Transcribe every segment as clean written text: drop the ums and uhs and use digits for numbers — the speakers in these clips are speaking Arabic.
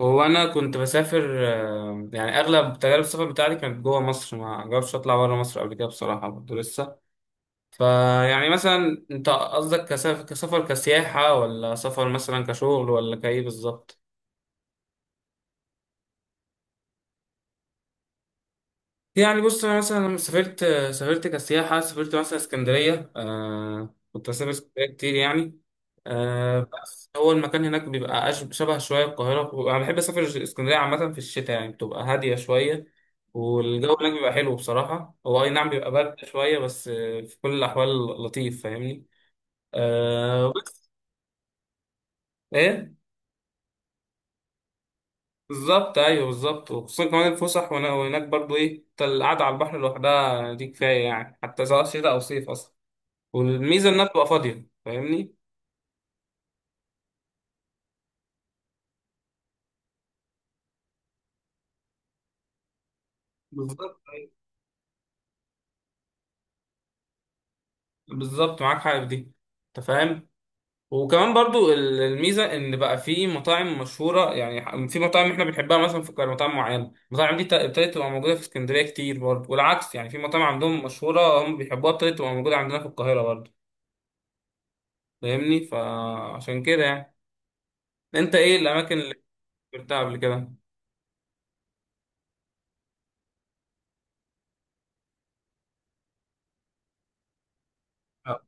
هو انا كنت بسافر يعني اغلب تجارب السفر بتاعتي كانت جوه مصر، ما جربتش اطلع بره مصر قبل كده بصراحه برضه لسه. فيعني مثلا انت قصدك كسفر كسياحه، ولا سفر مثلا كشغل، ولا كايه بالظبط؟ يعني بص، انا مثلا لما سافرت، سافرت كسياحه، سافرت مثلا اسكندريه. كنت بسافر اسكندريه كتير يعني. بس هو المكان هناك بيبقى شبه شويه القاهره. انا بحب اسافر اسكندريه عامه في الشتاء، يعني بتبقى هاديه شويه، والجو هناك بيبقى حلو بصراحه. هو اي نعم بيبقى برد شويه، بس في كل الاحوال لطيف، فاهمني؟ بس ايه؟ بالظبط، ايوه بالظبط. وخصوصا كمان الفسح، وهناك برضو ايه، القعده على البحر لوحدها دي كفايه يعني، حتى سواء شتاء او صيف اصلا. والميزه انها بتبقى فاضيه، فاهمني؟ بالظبط، أيوة. بالظبط، معاك حق في دي. انت فاهم؟ وكمان برضو الميزه ان بقى في مطاعم مشهوره يعني، في مطاعم احنا بنحبها مثلا في القاهره، مطاعم معينه، المطاعم دي ابتدت تبقى موجوده في اسكندريه كتير برضو، والعكس يعني، في مطاعم عندهم مشهوره هم بيحبوها ابتدت تبقى موجوده عندنا في القاهره برضو. فاهمني؟ فعشان كده يعني، انت ايه الاماكن اللي سافرتها قبل كده؟ آه.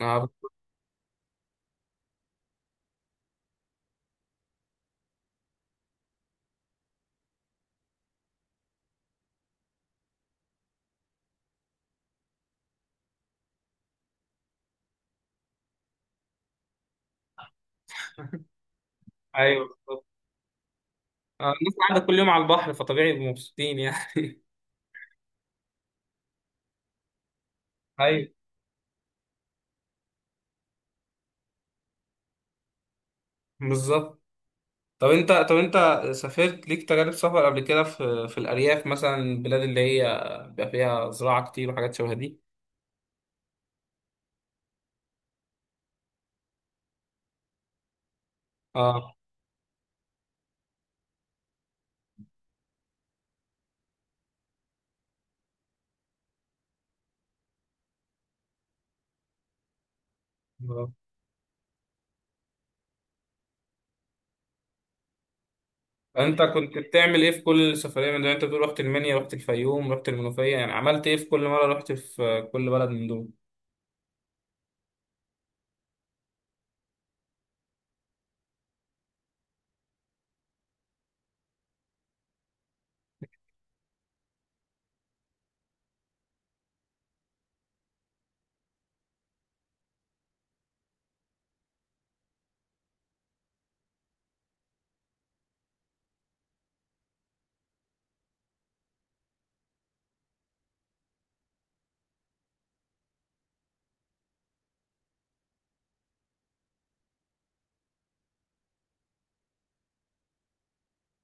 آه، ايوه بالظبط. آه، الناس قاعده كل يوم على البحر، فطبيعي يبقوا مبسوطين يعني. ايوه بالظبط. طب انت سافرت ليك تجارب سفر قبل كده في الارياف مثلا، البلاد اللي هي بيبقى فيها زراعه كتير وحاجات شبه دي؟ اه اه. انت كنت بتعمل ايه في كل سفريه من دول؟ انت بتقول رحت المنيا، رحت الفيوم، رحت المنوفيه، يعني عملت ايه في كل مره رحت، في كل بلد من دول؟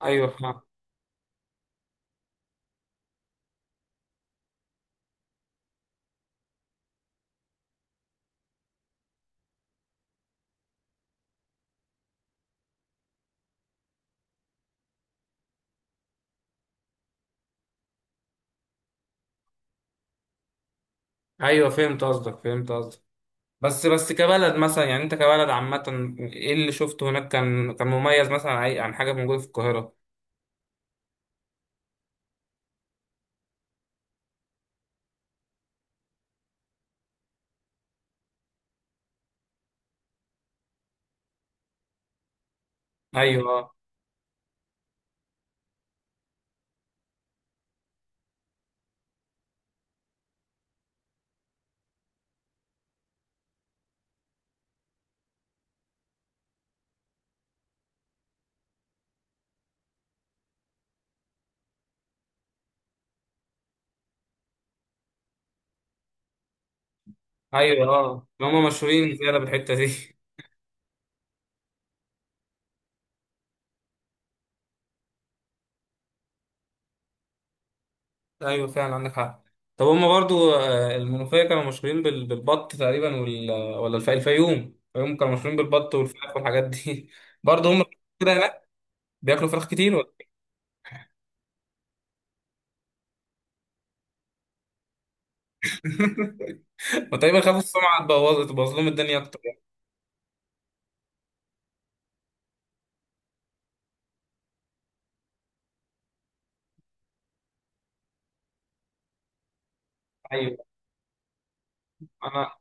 ايوه فهم. ايوه فهمت قصدك، فهمت قصدك. بس كبلد مثلا يعني، انت كبلد عامه ايه اللي شفته هناك كان كان مميز مثلا عن حاجه موجوده في القاهره؟ ايوه اه. ايوه اه، هم مشهورين زياده بالحته دي. ايوه فعلا عندك حق. طب هما برضو المنوفيه كانوا مشهورين بالبط تقريبا، ولا الفيوم، الفيوم كانوا مشهورين بالبط والفراخ والحاجات دي. برضو هم كده هناك بياكلوا فراخ كتير ولا؟ وتقريبا خافوا السمعه تبوظ لهم الدنيا اكتر يعني. ايوه انا،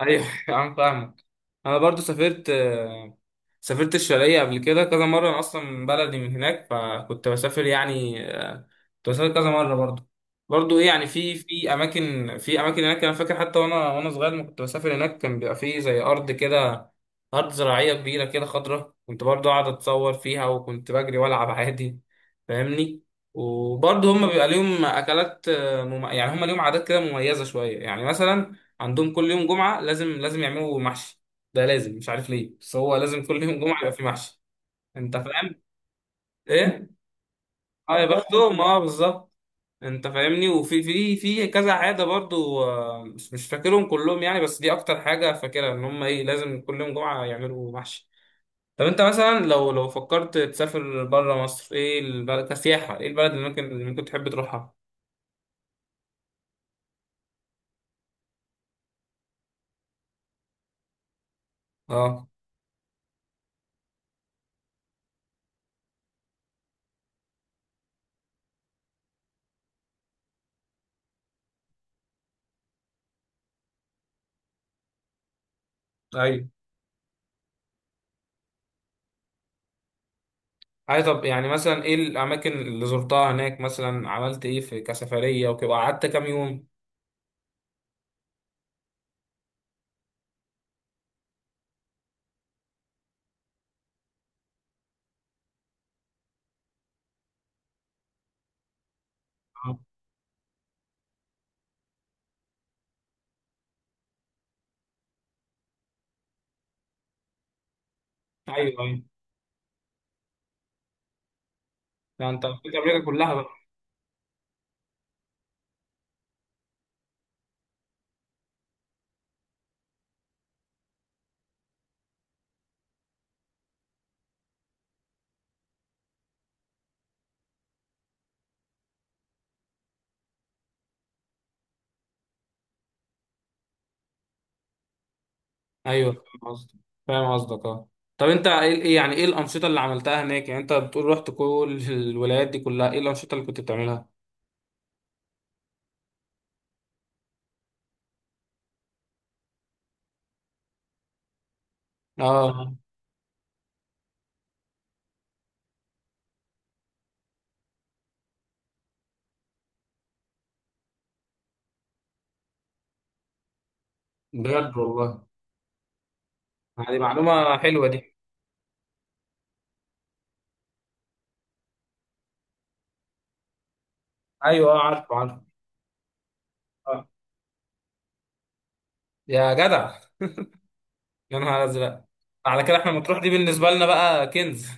ايوه. انا فاهمك. انا برضو سافرت سافرت الشرقية قبل كده كذا مرة، انا اصلا من بلدي من هناك، فكنت بسافر يعني كنت بسافر كذا مرة برضو. برضو ايه يعني، في في اماكن، في اماكن هناك انا فاكر، حتى وانا صغير لما كنت بسافر هناك، كان بيبقى فيه زي ارض كده، ارض زراعية كبيرة كده خضرة، كنت برضو قاعد اتصور فيها، وكنت بجري والعب عادي، فاهمني؟ وبرضو هم بيبقى ليهم اكلات يعني هم ليهم عادات كده مميزة شوية يعني. مثلا عندهم كل يوم جمعة لازم يعملوا محشي، ده لازم، مش عارف ليه، بس هو لازم كل يوم جمعه يبقى في محشي. انت فاهم؟ ايه؟ اه يا بختهم، اه بالظبط. انت فاهمني؟ وفي، في في كذا عاده برضو مش فاكرهم كلهم يعني، بس دي اكتر حاجه فاكرها ان هم ايه، لازم كل يوم جمعه يعملوا محشي. طب انت مثلا لو فكرت تسافر بره مصر، ايه البلد كسياحه، ايه البلد اللي ممكن تحب تروحها؟ اه ايوه. اي طب يعني مثلا، ايه الاماكن اللي زرتها هناك، مثلا عملت ايه في كسفريه وكده، قعدت كام يوم؟ آه. ايوه ايوه. لا انت قضيت امريكا كلها بقى. ايوه فاهم قصدك، فاهم قصدك اه. طب انت يعني ايه الانشطه اللي عملتها هناك؟ يعني انت بتقول رحت كل الولايات دي كلها، ايه الانشطه اللي كنت بتعملها؟ اه بجد والله؟ هذه معلومه حلوه دي. ايوه اه، عارف عارف. آه. يا جدع، يا نهار ازرق. على كده احنا مطروح دي بالنسبه لنا بقى كنز.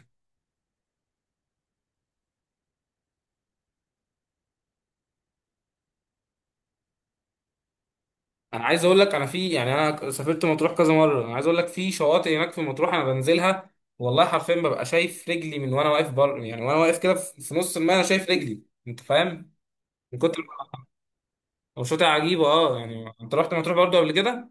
انا عايز اقول لك، انا في يعني، انا سافرت مطروح كذا مره، انا عايز اقول لك في شواطئ هناك في مطروح انا بنزلها، والله حرفيا ببقى شايف رجلي، من وانا واقف بر يعني، وانا واقف كده في في نص الماء، انا شايف رجلي. انت فاهم؟ من كتر. هو شاطئ عجيبه اه يعني. انت رحت مطروح برضه قبل كده؟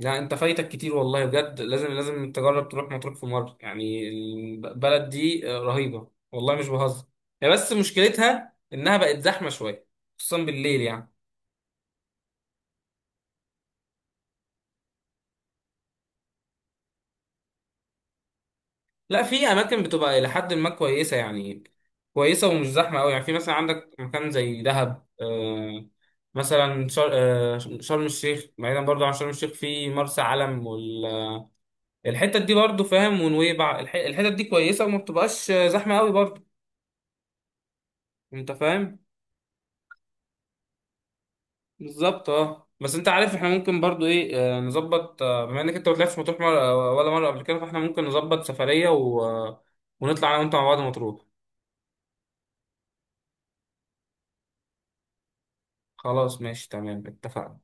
لا انت فايتك كتير، والله بجد، لازم تجرب تروح مطروح في مره يعني. البلد دي رهيبه، والله مش بهزر. هي بس مشكلتها انها بقت زحمه شويه، خصوصا بالليل يعني. لا، في اماكن بتبقى الى حد ما كويسه يعني، كويسه ومش زحمه قوي يعني. في مثلا عندك مكان زي دهب، مثلا شر... آه شرم الشيخ، بعيدا برضو عن شرم الشيخ في مرسى علم، والحتت دي برضو فاهم، ونويبع، الحتت دي كويسه وما بتبقاش زحمه قوي برضو. انت فاهم؟ بالظبط اه. بس انت عارف احنا ممكن برضو ايه نظبط بما انك انت ما طلعتش مطروح مرة ولا مره قبل كده، فاحنا ممكن نظبط سفريه و... آه، ونطلع انا وانت مع بعض مطروح. خلاص ماشي تمام، اتفقنا.